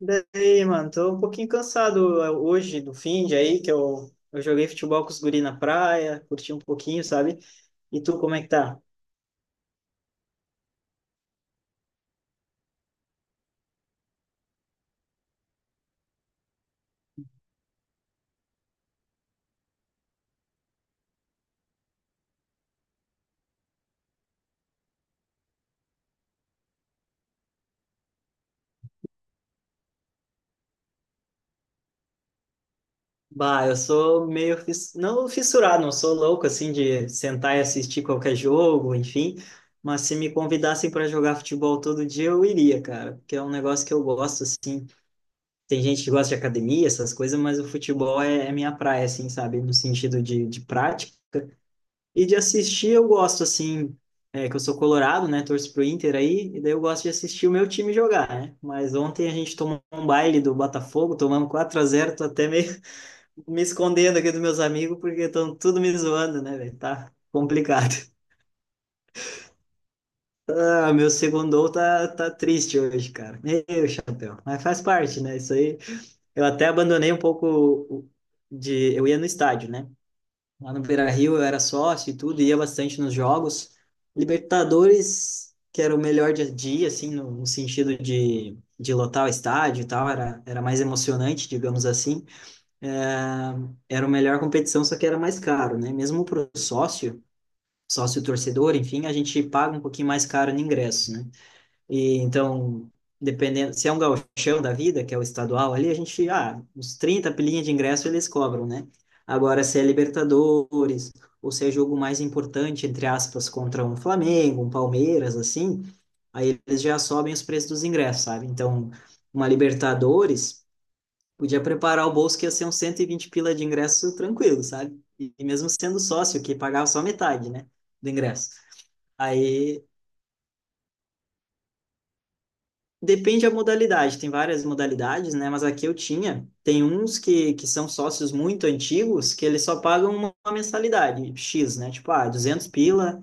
Daí, mano, tô um pouquinho cansado hoje do fim de aí, que eu joguei futebol com os guri na praia, curti um pouquinho, sabe? E tu, como é que tá? Bah, eu sou meio, não fissurado, não sou louco, assim, de sentar e assistir qualquer jogo, enfim. Mas se me convidassem para jogar futebol todo dia, eu iria, cara, porque é um negócio que eu gosto, assim. Tem gente que gosta de academia, essas coisas, mas o futebol é minha praia, assim, sabe? No sentido de prática. E de assistir eu gosto, assim, que eu sou colorado, né? Torço pro Inter aí, e daí eu gosto de assistir o meu time jogar, né? Mas ontem a gente tomou um baile do Botafogo, tomamos 4-0, tô até meio me escondendo aqui dos meus amigos, porque estão tudo me zoando, né, velho? Tá complicado. Ah, meu segundo gol tá triste hoje, cara. Meu chapéu. Mas faz parte, né? Isso aí. Eu até abandonei um pouco Eu ia no estádio, né? Lá no Beira-Rio eu era sócio e tudo, ia bastante nos jogos. Libertadores, que era o melhor dia a dia, assim, no sentido de lotar o estádio e tal, era mais emocionante, digamos assim. É, era a melhor competição, só que era mais caro, né? Mesmo para o sócio, sócio torcedor, enfim, a gente paga um pouquinho mais caro no ingresso, né? E então, dependendo, se é um gauchão da vida, que é o estadual ali, a gente, ah, uns 30 pilinhas de ingresso eles cobram, né? Agora, se é Libertadores, ou se é jogo mais importante, entre aspas, contra um Flamengo, um Palmeiras, assim, aí eles já sobem os preços dos ingressos, sabe? Então, uma Libertadores, podia preparar o bolso que ia ser uns 120 pila de ingresso tranquilo, sabe? E mesmo sendo sócio, que pagava só metade, né, do ingresso. Aí depende da modalidade, tem várias modalidades, né? Mas aqui eu tinha. Tem uns que são sócios muito antigos que eles só pagam uma mensalidade X, né? Tipo, ah, 200 pila,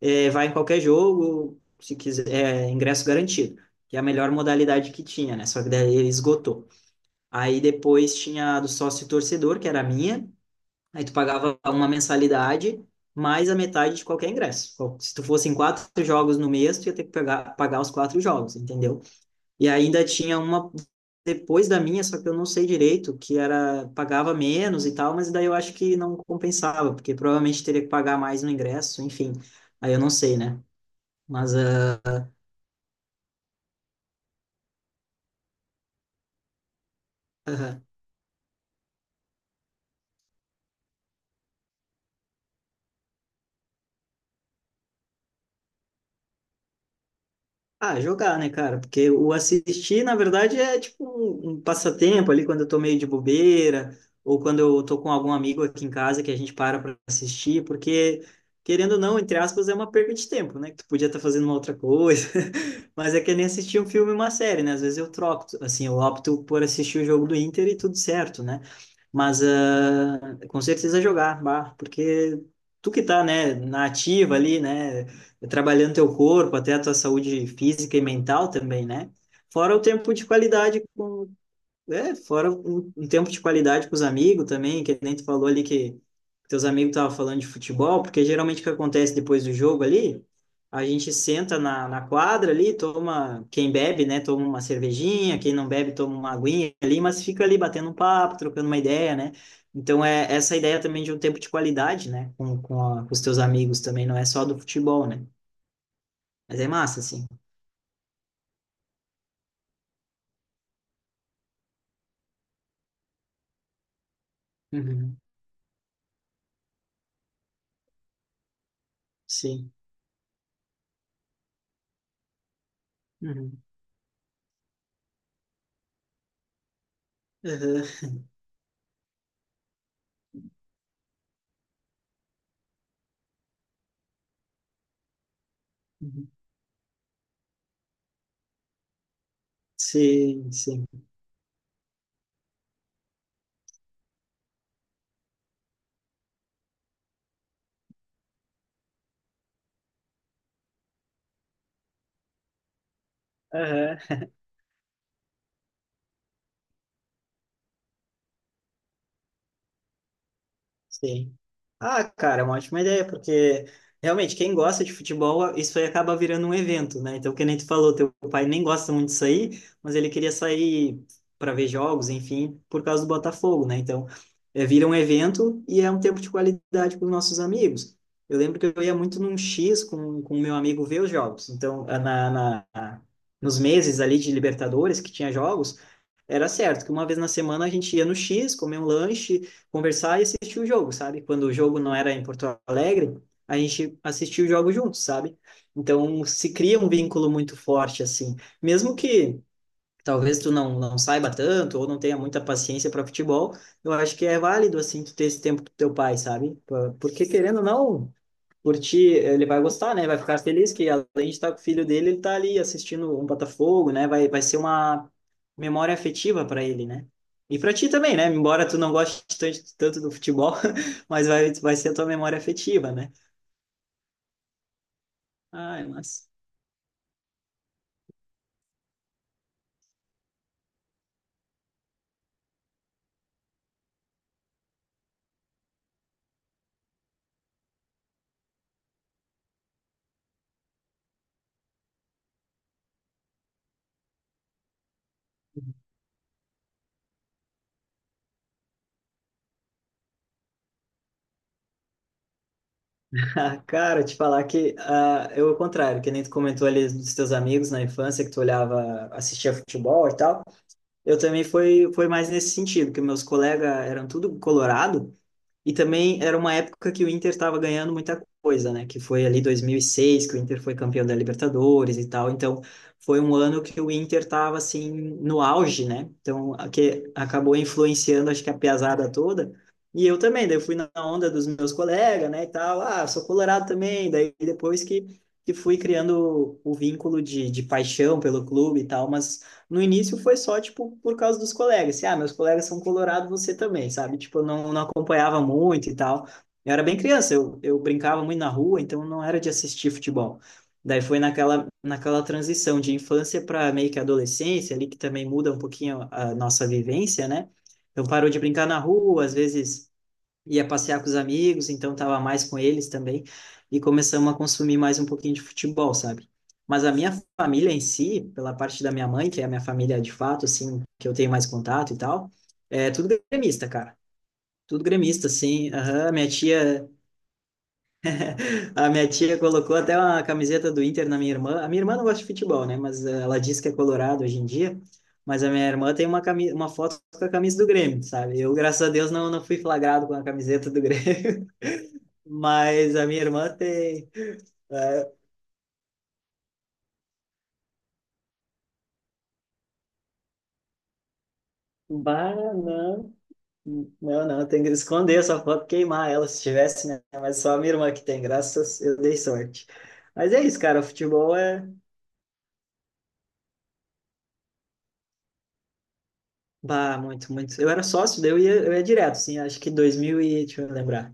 vai em qualquer jogo, se quiser, é, ingresso garantido. Que é a melhor modalidade que tinha, né? Só que daí ele esgotou. Aí depois tinha a do sócio torcedor, que era a minha. Aí tu pagava uma mensalidade mais a metade de qualquer ingresso. Se tu fosse em quatro jogos no mês, tu ia ter que pagar os quatro jogos, entendeu? E ainda tinha uma depois da minha, só que eu não sei direito, que era pagava menos e tal, mas daí eu acho que não compensava, porque provavelmente teria que pagar mais no ingresso, enfim. Aí eu não sei, né? Mas ah, ah, jogar, né, cara? Porque o assistir, na verdade, é tipo um passatempo ali quando eu tô meio de bobeira, ou quando eu tô com algum amigo aqui em casa que a gente para pra assistir, porque, querendo ou não, entre aspas, é uma perda de tempo, né? Que tu podia estar fazendo uma outra coisa, mas é que nem assistir um filme e uma série, né? Às vezes eu troco, assim, eu opto por assistir o jogo do Inter e tudo certo, né? Mas com certeza jogar, bah, porque tu que tá, né, na ativa ali, né, trabalhando teu corpo, até a tua saúde física e mental também, né? Fora o tempo de qualidade com fora um tempo de qualidade com os amigos também, que nem tu falou ali que teus amigos estavam falando de futebol, porque geralmente o que acontece depois do jogo ali, a gente senta na quadra ali, toma, quem bebe, né, toma uma cervejinha, quem não bebe toma uma aguinha ali, mas fica ali batendo um papo, trocando uma ideia, né? Então é essa ideia também de um tempo de qualidade, né, com os teus amigos também, não é só do futebol, né? Mas é massa, assim. Uhum. Sim. Uhum. Uhum. Uhum. Sim, sim. Aham. Sim. Ah, cara, é uma ótima ideia, porque realmente quem gosta de futebol, isso aí acaba virando um evento, né? Então, que nem tu falou, teu pai nem gosta muito de sair, mas ele queria sair para ver jogos, enfim, por causa do Botafogo, né? Então, vira um evento e é um tempo de qualidade para os nossos amigos. Eu lembro que eu ia muito num X com o meu amigo ver os jogos. Então, na, nos meses ali de Libertadores, que tinha jogos, era certo que uma vez na semana a gente ia no X, comer um lanche, conversar e assistir o jogo, sabe? Quando o jogo não era em Porto Alegre, a gente assistia o jogo juntos, sabe? Então se cria um vínculo muito forte assim, mesmo que talvez tu não saiba tanto ou não tenha muita paciência para futebol, eu acho que é válido assim tu ter esse tempo com teu pai, sabe? Porque querendo ou não, curtir, ele vai gostar, né? Vai ficar feliz que além de estar com o filho dele, ele tá ali assistindo um Botafogo, né? Vai ser uma memória afetiva para ele, né? E para ti também, né? Embora tu não goste tanto, tanto do futebol, mas vai ser a tua memória afetiva, né? Ai, mas. cara, te falar que ah, eu, ao contrário, que nem tu comentou ali dos teus amigos na infância, que tu olhava, assistia futebol e tal, eu também foi mais nesse sentido, que meus colegas eram tudo colorado. E também era uma época que o Inter estava ganhando muita coisa, né? Que foi ali 2006, que o Inter foi campeão da Libertadores e tal. Então, foi um ano que o Inter estava, assim, no auge, né? Então, que acabou influenciando, acho que a piazada toda. E eu também, daí eu fui na onda dos meus colegas, né? E tal, ah, sou colorado também. Daí, depois que fui criando o vínculo de paixão pelo clube e tal, mas no início foi só, tipo, por causa dos colegas. Assim, ah, meus colegas são colorados você também, sabe? Tipo, eu não acompanhava muito e tal. Eu era bem criança, eu brincava muito na rua, então não era de assistir futebol. Daí foi naquela transição de infância para meio que adolescência, ali que também muda um pouquinho a nossa vivência, né? Então parou de brincar na rua, às vezes ia passear com os amigos, então tava mais com eles também, e começamos a consumir mais um pouquinho de futebol, sabe? Mas a minha família em si, pela parte da minha mãe, que é a minha família de fato, assim, que eu tenho mais contato e tal, é tudo gremista, cara. Tudo gremista, assim. Aham, minha tia, a minha tia colocou até uma camiseta do Inter na minha irmã. A minha irmã não gosta de futebol, né? Mas ela diz que é colorado hoje em dia. Mas a minha irmã tem uma, uma foto com a camisa do Grêmio, sabe? Eu, graças a Deus, não fui flagrado com a camiseta do Grêmio. Mas a minha irmã tem. É, banana. Não, não, tem que esconder essa foto, queimar ela se tivesse, né? Mas só a minha irmã que tem, graças, eu dei sorte. Mas é isso, cara, o futebol é. Bah, muito, muito. Eu era sócio, daí eu ia direto, assim, acho que 2000 e. Deixa eu lembrar.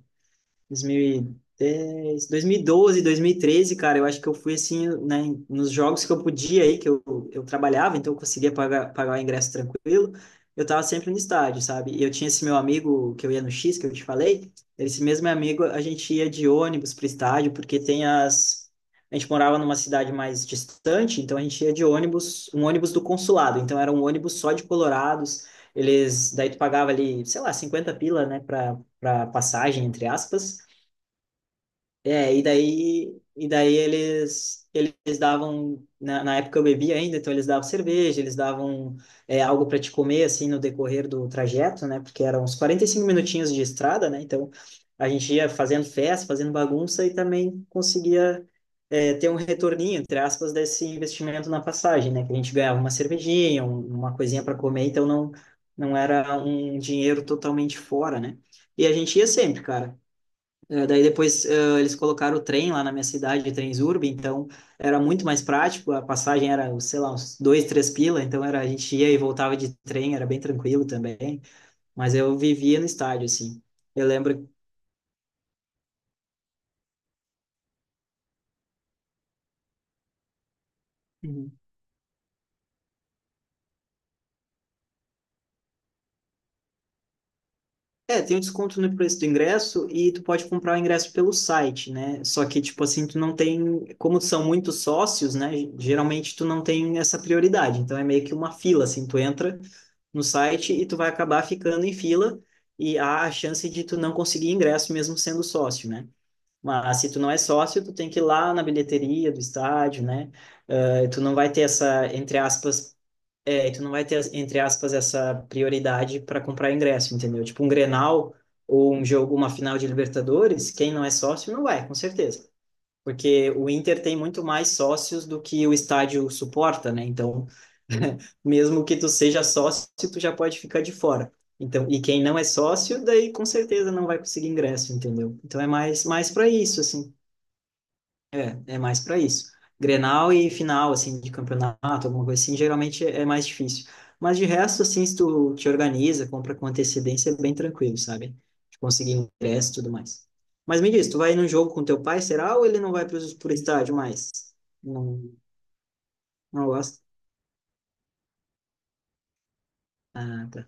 2010, 2012, 2013, cara, eu acho que eu fui assim, né, nos jogos que eu podia aí, que eu trabalhava, então eu conseguia pagar o ingresso tranquilo, eu tava sempre no estádio, sabe? E eu tinha esse meu amigo que eu ia no X, que eu te falei, esse mesmo meu amigo, a gente ia de ônibus pro estádio, porque tem as. A gente morava numa cidade mais distante, então a gente ia de ônibus, um ônibus do consulado, então era um ônibus só de colorados, eles. Daí tu pagava ali, sei lá, 50 pila, né, pra passagem, entre aspas, e daí eles davam, na época eu bebia ainda, então eles davam cerveja, eles davam algo para te comer, assim, no decorrer do trajeto, né? Porque eram uns 45 minutinhos de estrada, né? Então a gente ia fazendo festa, fazendo bagunça e também conseguia ter um retorninho, entre aspas, desse investimento na passagem, né? Que a gente ganhava uma cervejinha, uma coisinha para comer, então não era um dinheiro totalmente fora, né? E a gente ia sempre, cara. Daí depois eles colocaram o trem lá na minha cidade, Transurb, então era muito mais prático, a passagem era, sei lá, uns dois, três pila, então era, a gente ia e voltava de trem, era bem tranquilo também, mas eu vivia no estádio, assim. Eu lembro. É, tem um desconto no preço do ingresso e tu pode comprar o ingresso pelo site, né? Só que, tipo assim, tu não tem, como são muitos sócios, né? Geralmente tu não tem essa prioridade. Então é meio que uma fila, assim, tu entra no site e tu vai acabar ficando em fila e há a chance de tu não conseguir ingresso mesmo sendo sócio, né? Mas se tu não é sócio, tu tem que ir lá na bilheteria do estádio, né? Tu não vai ter essa, entre aspas, e tu não vai ter, entre aspas, essa prioridade para comprar ingresso, entendeu? Tipo um Grenal ou um jogo, uma final de Libertadores, quem não é sócio não vai, com certeza. Porque o Inter tem muito mais sócios do que o estádio suporta, né? Então, mesmo que tu seja sócio, tu já pode ficar de fora. Então, e quem não é sócio, daí com certeza não vai conseguir ingresso, entendeu? Então é mais para isso, assim. É, é mais para isso. Grenal e final, assim, de campeonato, alguma coisa assim, geralmente é mais difícil. Mas de resto, assim, se tu te organiza, compra com antecedência, é bem tranquilo, sabe? De conseguir ingresso e tudo mais. Mas me diz, tu vai num jogo com teu pai, será? Ou ele não vai pro estádio mais? Não, não gosta? Ah, tá.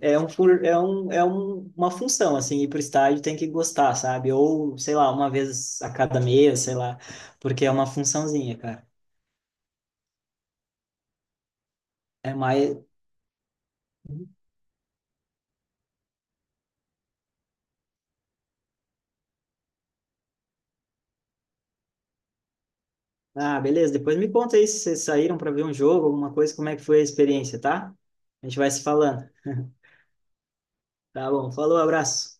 É uma função, assim, ir pro estádio tem que gostar, sabe? Ou, sei lá, uma vez a cada mês, sei lá, porque é uma funçãozinha, cara. É mais. Ah, beleza. Depois me conta aí se vocês saíram para ver um jogo, alguma coisa, como é que foi a experiência, tá? A gente vai se falando. Tá bom. Falou, abraço.